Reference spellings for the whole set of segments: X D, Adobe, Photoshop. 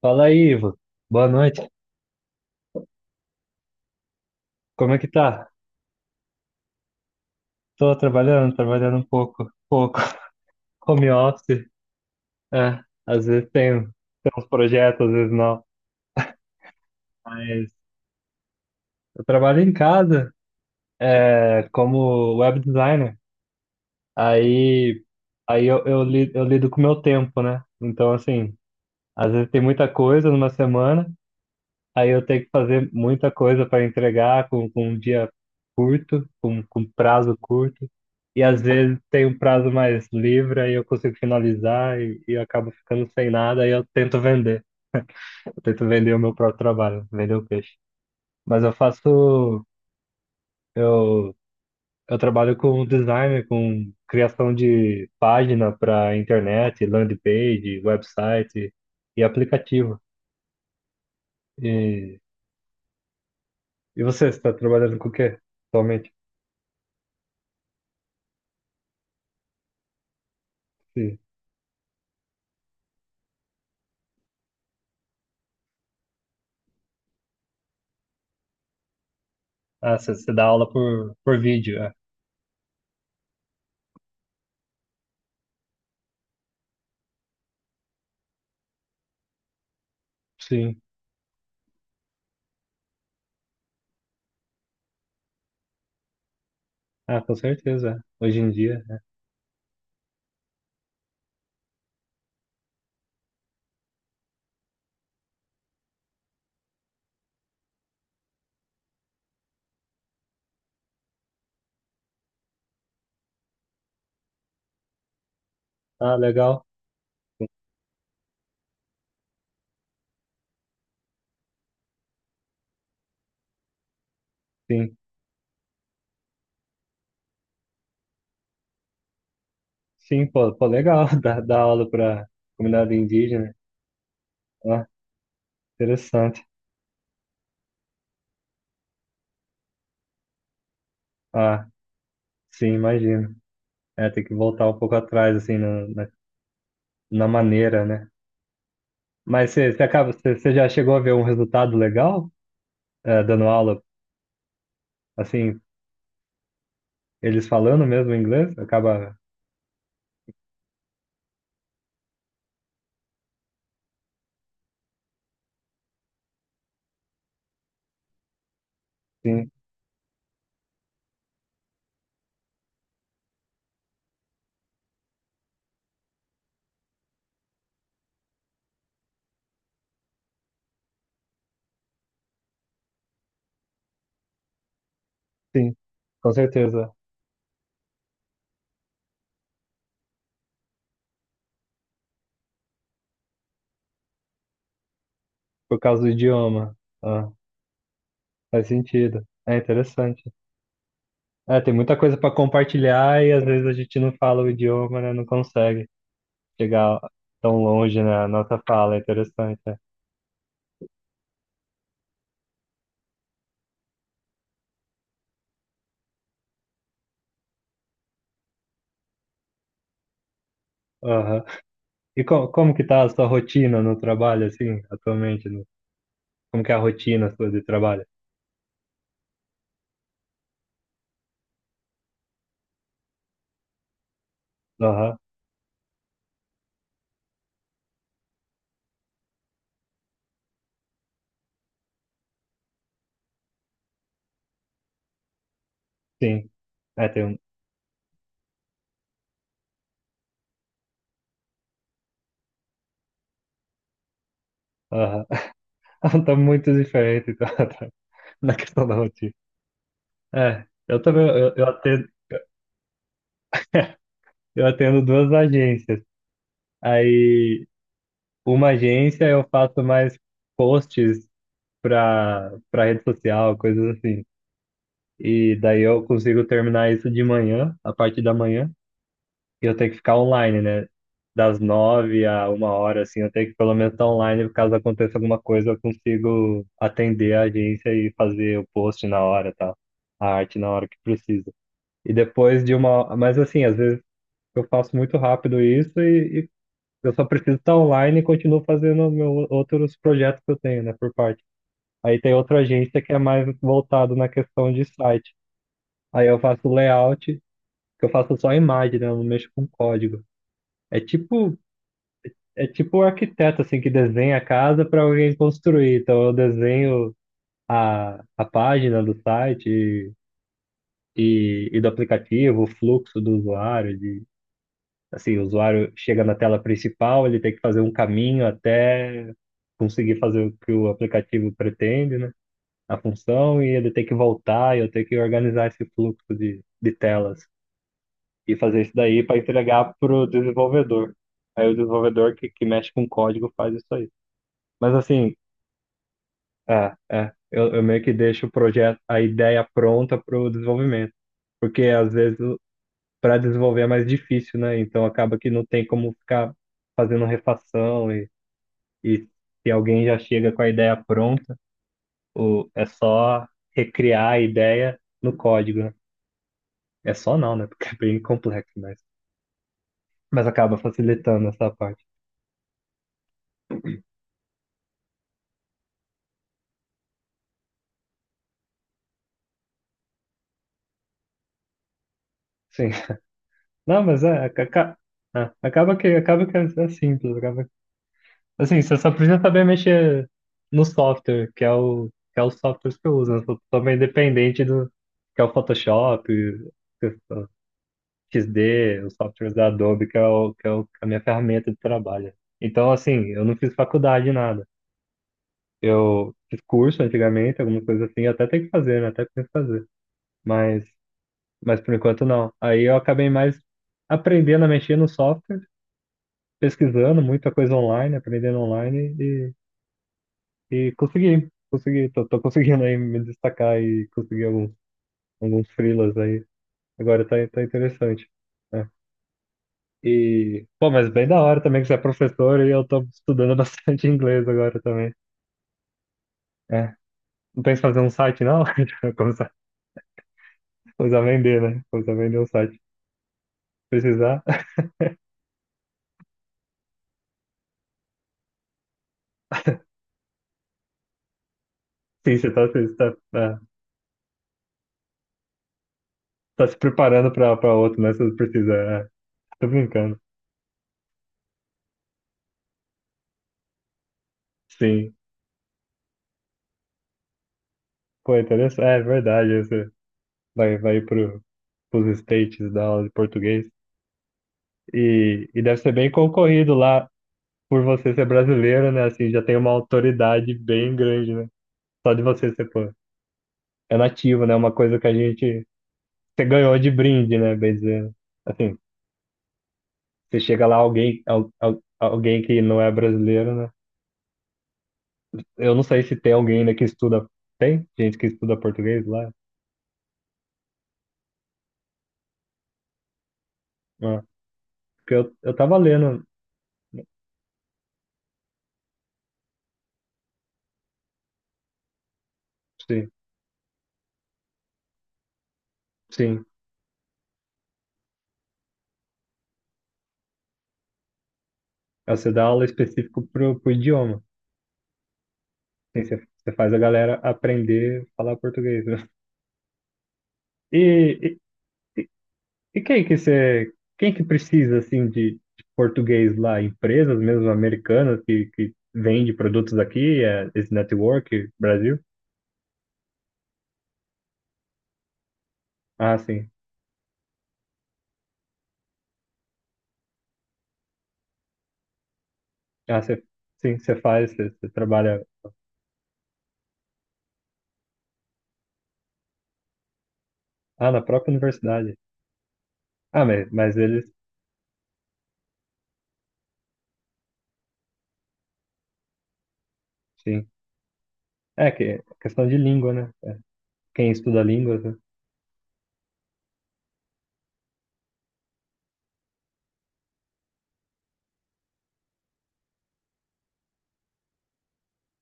Fala aí, Ivo. Boa noite. Como é que tá? Tô trabalhando, trabalhando um pouco, pouco. Home office, é. Às vezes tenho uns projetos, às vezes não. Mas eu trabalho em casa, é, como web designer. Aí, aí eu lido com o meu tempo, né? Então, assim, às vezes tem muita coisa numa semana. Aí eu tenho que fazer muita coisa para entregar com um dia curto, com prazo curto. E às vezes tem um prazo mais livre, aí eu consigo finalizar e eu acabo ficando sem nada, aí eu tento vender. Eu tento vender o meu próprio trabalho, vender o peixe. Mas eu, eu trabalho com design, com criação de página para internet, landing page, website e aplicativo. E, e você está trabalhando com o quê atualmente? Ah, você dá aula por vídeo, é. Sim. Ah, com certeza. É. Hoje em dia. É. Ah, legal. Sim. Sim, pô, pô, legal. Dar aula para comunidade indígena. Ah, interessante. Ah, sim, imagino. É, tem que voltar um pouco atrás, assim, na maneira, né? Mas você já chegou a ver um resultado legal, é, dando aula, assim, eles falando mesmo inglês? Acaba. Sim, sim, com certeza. Por causa do idioma. Ah, faz sentido. É interessante. É, tem muita coisa para compartilhar e às vezes a gente não fala o idioma, né? Não consegue chegar tão longe na nossa fala. É interessante. É. Aham. E co como que tá a sua rotina no trabalho, assim, atualmente? Como que é a rotina sua de trabalho? Aham, sim. É, tem um. Aham. Tá muito diferente então, na questão da rotina. É, eu também, eu atendo duas agências. Aí, uma agência eu faço mais posts para rede social, coisas assim. E daí eu consigo terminar isso de manhã, a parte da manhã, e eu tenho que ficar online, né? Das nove a uma hora, assim, eu tenho que pelo menos estar online, caso aconteça alguma coisa, eu consigo atender a agência e fazer o post na hora, tá a arte na hora que precisa. E depois de uma, mas assim, às vezes eu faço muito rápido isso e eu só preciso estar online e continuo fazendo meus outros projetos que eu tenho, né, por parte. Aí tem outra agência que é mais voltado na questão de site. Aí eu faço layout, que eu faço só imagem, né? Eu não mexo com código. É tipo, é tipo o arquiteto assim que desenha a casa para alguém construir. Então eu desenho a página do site e do aplicativo, o fluxo do usuário, de assim, o usuário chega na tela principal, ele tem que fazer um caminho até conseguir fazer o que o aplicativo pretende, né? A função e ele ter que voltar e eu ter que organizar esse fluxo de telas e fazer isso daí para entregar para o desenvolvedor. Aí o desenvolvedor que mexe com código faz isso aí. Mas assim, eu meio que deixo o projeto, a ideia pronta para o desenvolvimento, porque às vezes para desenvolver é mais difícil, né? Então acaba que não tem como ficar fazendo refação e se alguém já chega com a ideia pronta, é só recriar a ideia no código, né? É só não, né? Porque é bem complexo, mas acaba facilitando essa parte. Sim. Não, mas é, acaba que é simples. Acaba. Assim, você só precisa saber mexer no software, que é os softwares que eu uso, né? Eu sou meio dependente do que é o Photoshop, que é o XD, os softwares da Adobe, a minha ferramenta de trabalho. Então, assim, eu não fiz faculdade, nada. Eu fiz curso antigamente, alguma coisa assim, eu até tenho que fazer, né? Até tenho que fazer. Mas mas por enquanto não. Aí eu acabei mais aprendendo a mexer no software, pesquisando muita coisa online, aprendendo online e tô conseguindo aí me destacar e conseguir alguns freelas aí. Agora tá interessante, né? E, pô, mas bem da hora também que você é professor e eu tô estudando bastante inglês agora também. É. Não pensa em fazer um site, não? Começar, começar a vender, né? Começar a vender um site. Precisar. Sim, você está tá, você tá, é, tá se preparando para outro, né? Se você precisa. É. Tô brincando. Sim. Pô, é interessante. É verdade. Você vai pros States da aula de português. E deve ser bem concorrido lá por você ser brasileiro, né? Assim, já tem uma autoridade bem grande, né? Só de você ser, pô, é nativo, né? Uma coisa que a gente. Você ganhou de brinde, né? Bem dizendo. Assim, você chega lá, alguém que não é brasileiro, né? Eu não sei se tem alguém ainda que estuda. Tem gente que estuda português lá? Ah, porque eu tava lendo. Sim, sim. É, você dá aula específica pro idioma. Assim, você faz a galera aprender a falar português, né? E, e, e quem que precisa, assim, de português lá? Empresas mesmo americanas que vende produtos aqui, é, esse network, Brasil? Ah, sim. Ah, você, sim, você trabalha, ah, na própria universidade. Ah, mas eles, sim. É que é questão de língua, né? Quem estuda línguas, né?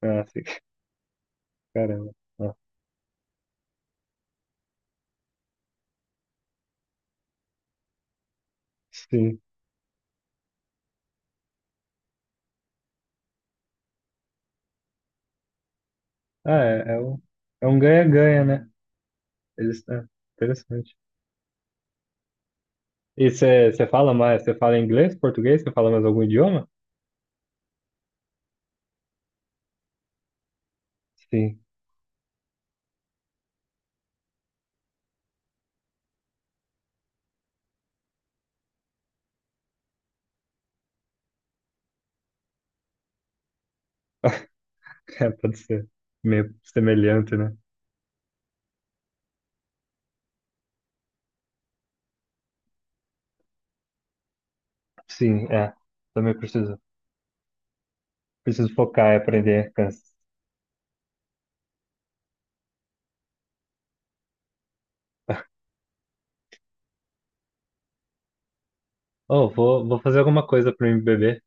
Ah, sim, caramba. Ah, sim. Ah, é um ganha-ganha, né? Eles, é, interessante. E você fala mais, você fala inglês, português, você fala mais algum idioma? Sim, É, pode ser meio semelhante, né? Sim, é. Também preciso focar e aprender. Cansa. Oh, vou fazer alguma coisa para me beber.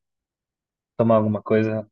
Tomar alguma coisa.